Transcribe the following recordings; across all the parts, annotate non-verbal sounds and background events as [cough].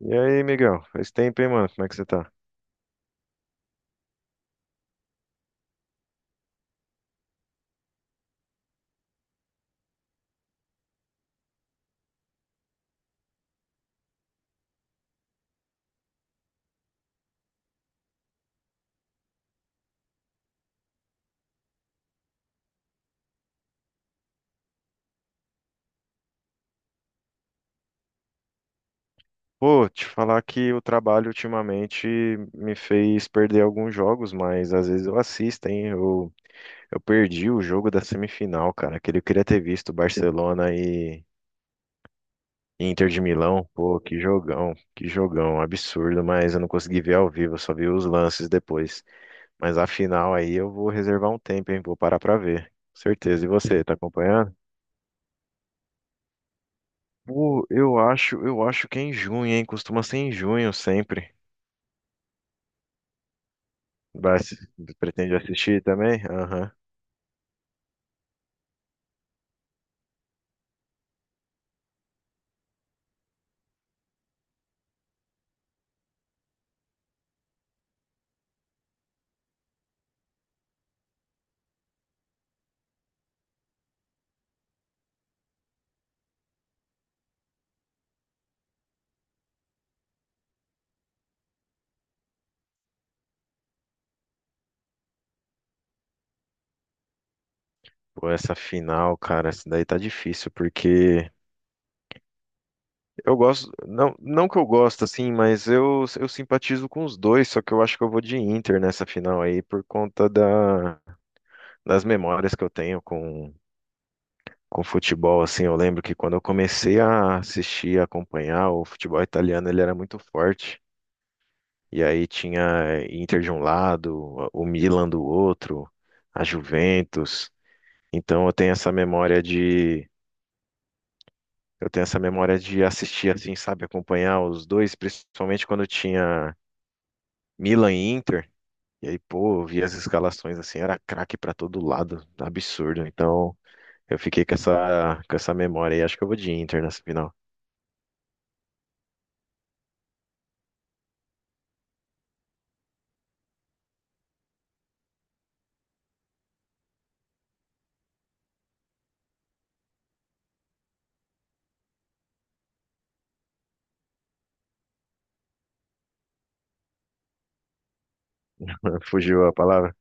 E aí, Miguel? Faz tempo, hein, mano? Como é que você tá? Pô, te falar que o trabalho ultimamente me fez perder alguns jogos, mas às vezes eu assisto, hein? Eu perdi o jogo da semifinal, cara. Aquele eu queria ter visto Barcelona e Inter de Milão. Pô, que jogão, absurdo, mas eu não consegui ver ao vivo, eu só vi os lances depois. Mas a final aí eu vou reservar um tempo, hein? Vou parar pra ver. Certeza. E você, tá acompanhando? Pô, eu acho que é em junho, hein? Costuma ser em junho sempre. Vai, assi- pretende assistir também? Aham. Pô, essa final, cara, essa daí tá difícil, porque eu gosto, não, não que eu gosto, assim, mas eu simpatizo com os dois, só que eu acho que eu vou de Inter nessa final aí, por conta das memórias que eu tenho com futebol, assim, eu lembro que quando eu comecei a assistir, a acompanhar, o futebol italiano, ele era muito forte, e aí tinha Inter de um lado, o Milan do outro, a Juventus. Então eu tenho essa memória de assistir assim, sabe, acompanhar os dois, principalmente quando tinha Milan e Inter. E aí, pô, eu via as escalações assim, era craque pra todo lado, absurdo. Então, eu fiquei com essa memória e acho que eu vou de Inter nessa final. [laughs] Fugiu a palavra?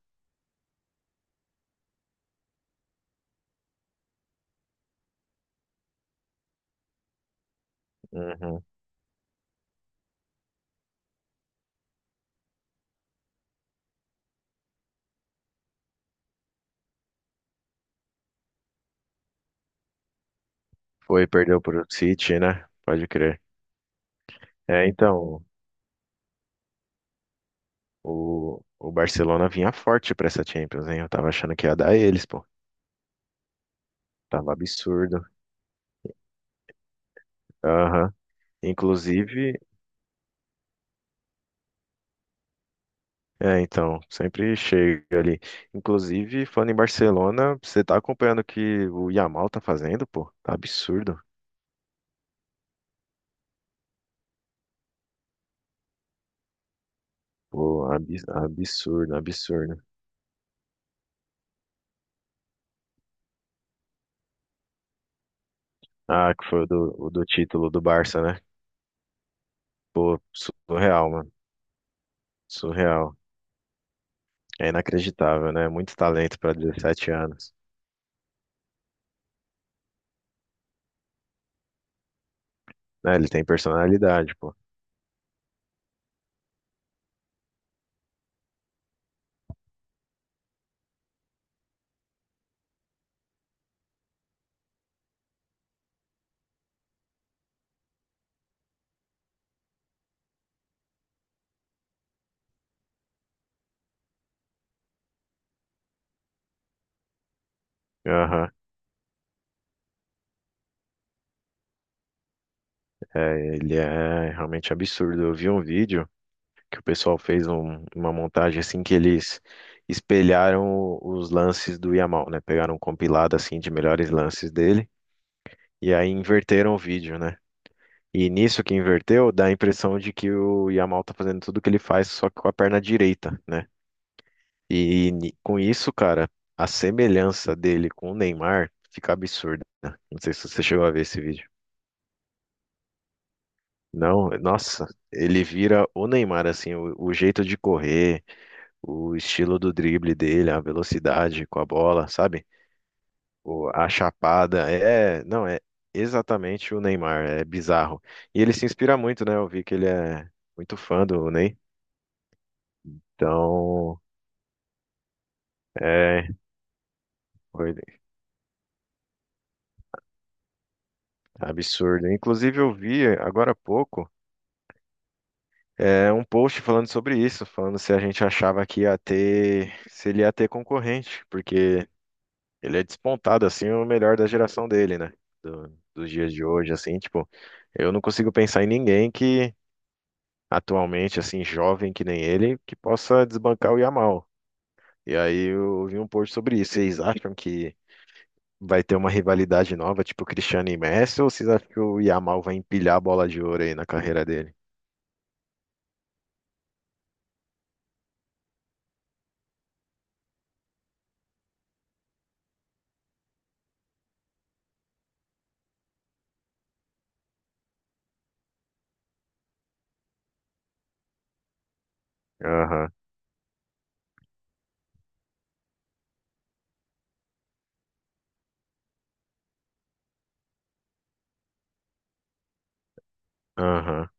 Uhum. Foi, perdeu pro City, né? Pode crer. É, então, o Barcelona vinha forte pra essa Champions, hein? Eu tava achando que ia dar eles, pô. Tava absurdo. Aham. Inclusive, É, então, sempre chega ali. Inclusive, falando em Barcelona, você tá acompanhando o que o Yamal tá fazendo, pô? Tá absurdo. Pô, absurdo, absurdo. Ah, que foi o do título do Barça, né? Pô, surreal, mano. Surreal. É inacreditável, né? Muito talento pra 17 anos. Né, ele tem personalidade, pô. Aham. É, ele é realmente absurdo. Eu vi um vídeo que o pessoal fez uma montagem assim que eles espelharam os lances do Yamal, né? Pegaram um compilado assim de melhores lances dele e aí inverteram o vídeo, né? E nisso que inverteu, dá a impressão de que o Yamal tá fazendo tudo que ele faz só que com a perna direita, né? E, com isso, cara, a semelhança dele com o Neymar fica absurda, né? Não sei se você chegou a ver esse vídeo. Não, nossa, ele vira o Neymar, assim, o jeito de correr, o estilo do drible dele, a velocidade com a bola, sabe? A chapada, é, não, é exatamente o Neymar, é bizarro. E ele se inspira muito, né? Eu vi que ele é muito fã do Ney, então é foi absurdo. Inclusive eu vi agora há pouco um post falando sobre isso, falando se a gente achava que ia ter, se ele ia ter concorrente, porque ele é despontado, assim, o melhor da geração dele, né? Dos dias de hoje, assim, tipo, eu não consigo pensar em ninguém que atualmente, assim, jovem que nem ele, que possa desbancar o Yamal. E aí eu vi um post sobre isso. Vocês acham que vai ter uma rivalidade nova, tipo Cristiano e Messi, ou vocês acham que o Yamal vai empilhar a bola de ouro aí na carreira dele? Aham, aham.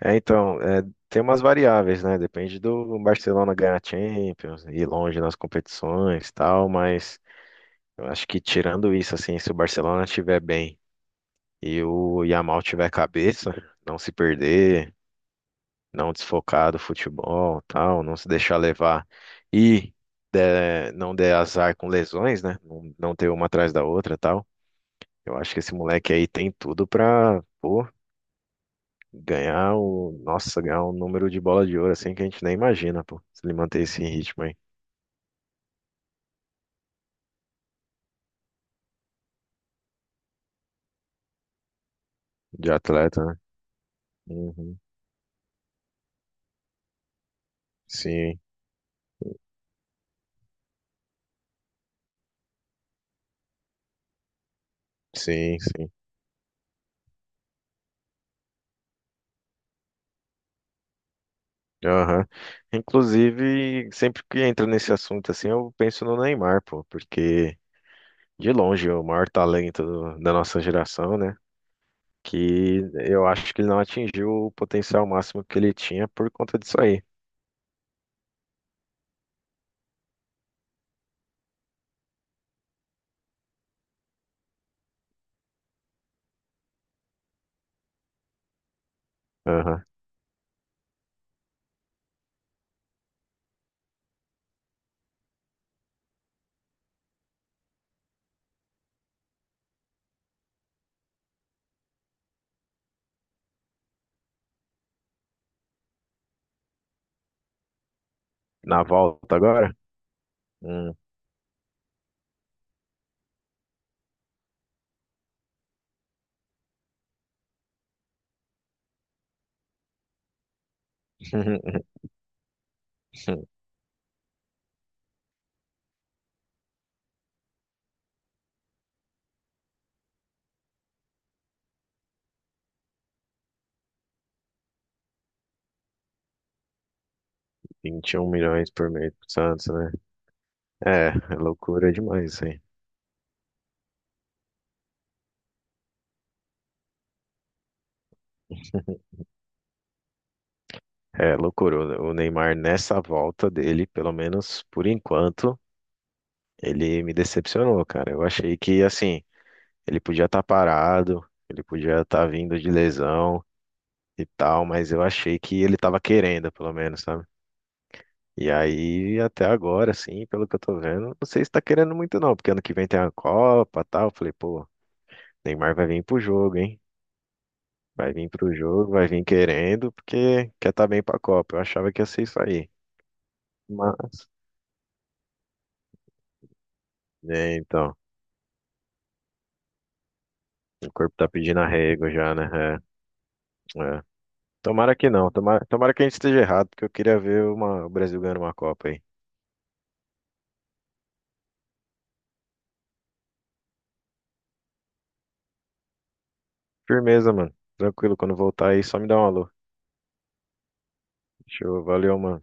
É, então, é, tem umas variáveis, né? Depende do Barcelona ganhar a Champions, ir longe nas competições e tal, mas. Eu acho que tirando isso, assim, se o Barcelona estiver bem e o Yamal tiver cabeça, não se perder, não desfocar do futebol, tal, não se deixar levar e não der azar com lesões, né? Não, não ter uma atrás da outra, tal. Eu acho que esse moleque aí tem tudo pra, pô, nossa, ganhar um número de bola de ouro assim que a gente nem imagina, pô, se ele manter esse ritmo aí de atleta, né? Uhum. Sim, sim, sim. Aham. Inclusive, sempre que entra nesse assunto assim, eu penso no Neymar, pô, porque de longe é o maior talento da nossa geração, né? Que eu acho que ele não atingiu o potencial máximo que ele tinha por conta disso aí. Aham. Na volta agora? Hum. [laughs] 21 milhões por mês pro Santos, né? É, é loucura demais isso aí. [laughs] É loucura. O Neymar, nessa volta dele, pelo menos por enquanto, ele me decepcionou, cara. Eu achei que, assim, ele podia estar parado, ele podia estar vindo de lesão e tal, mas eu achei que ele estava querendo, pelo menos, sabe? E aí, até agora, assim, pelo que eu tô vendo, não sei se tá querendo muito não, porque ano que vem tem a Copa e tal. Eu falei, pô, Neymar vai vir pro jogo, hein? Vai vir pro jogo, vai vir querendo, porque quer tá bem pra Copa. Eu achava que ia ser isso aí. Mas, né, então, o corpo tá pedindo arrego já, né? É, é. Tomara que não, tomara, tomara que a gente esteja errado, porque eu queria ver o Brasil ganhando uma Copa aí. Firmeza, mano. Tranquilo, quando voltar aí, só me dá um alô. Show, valeu, mano.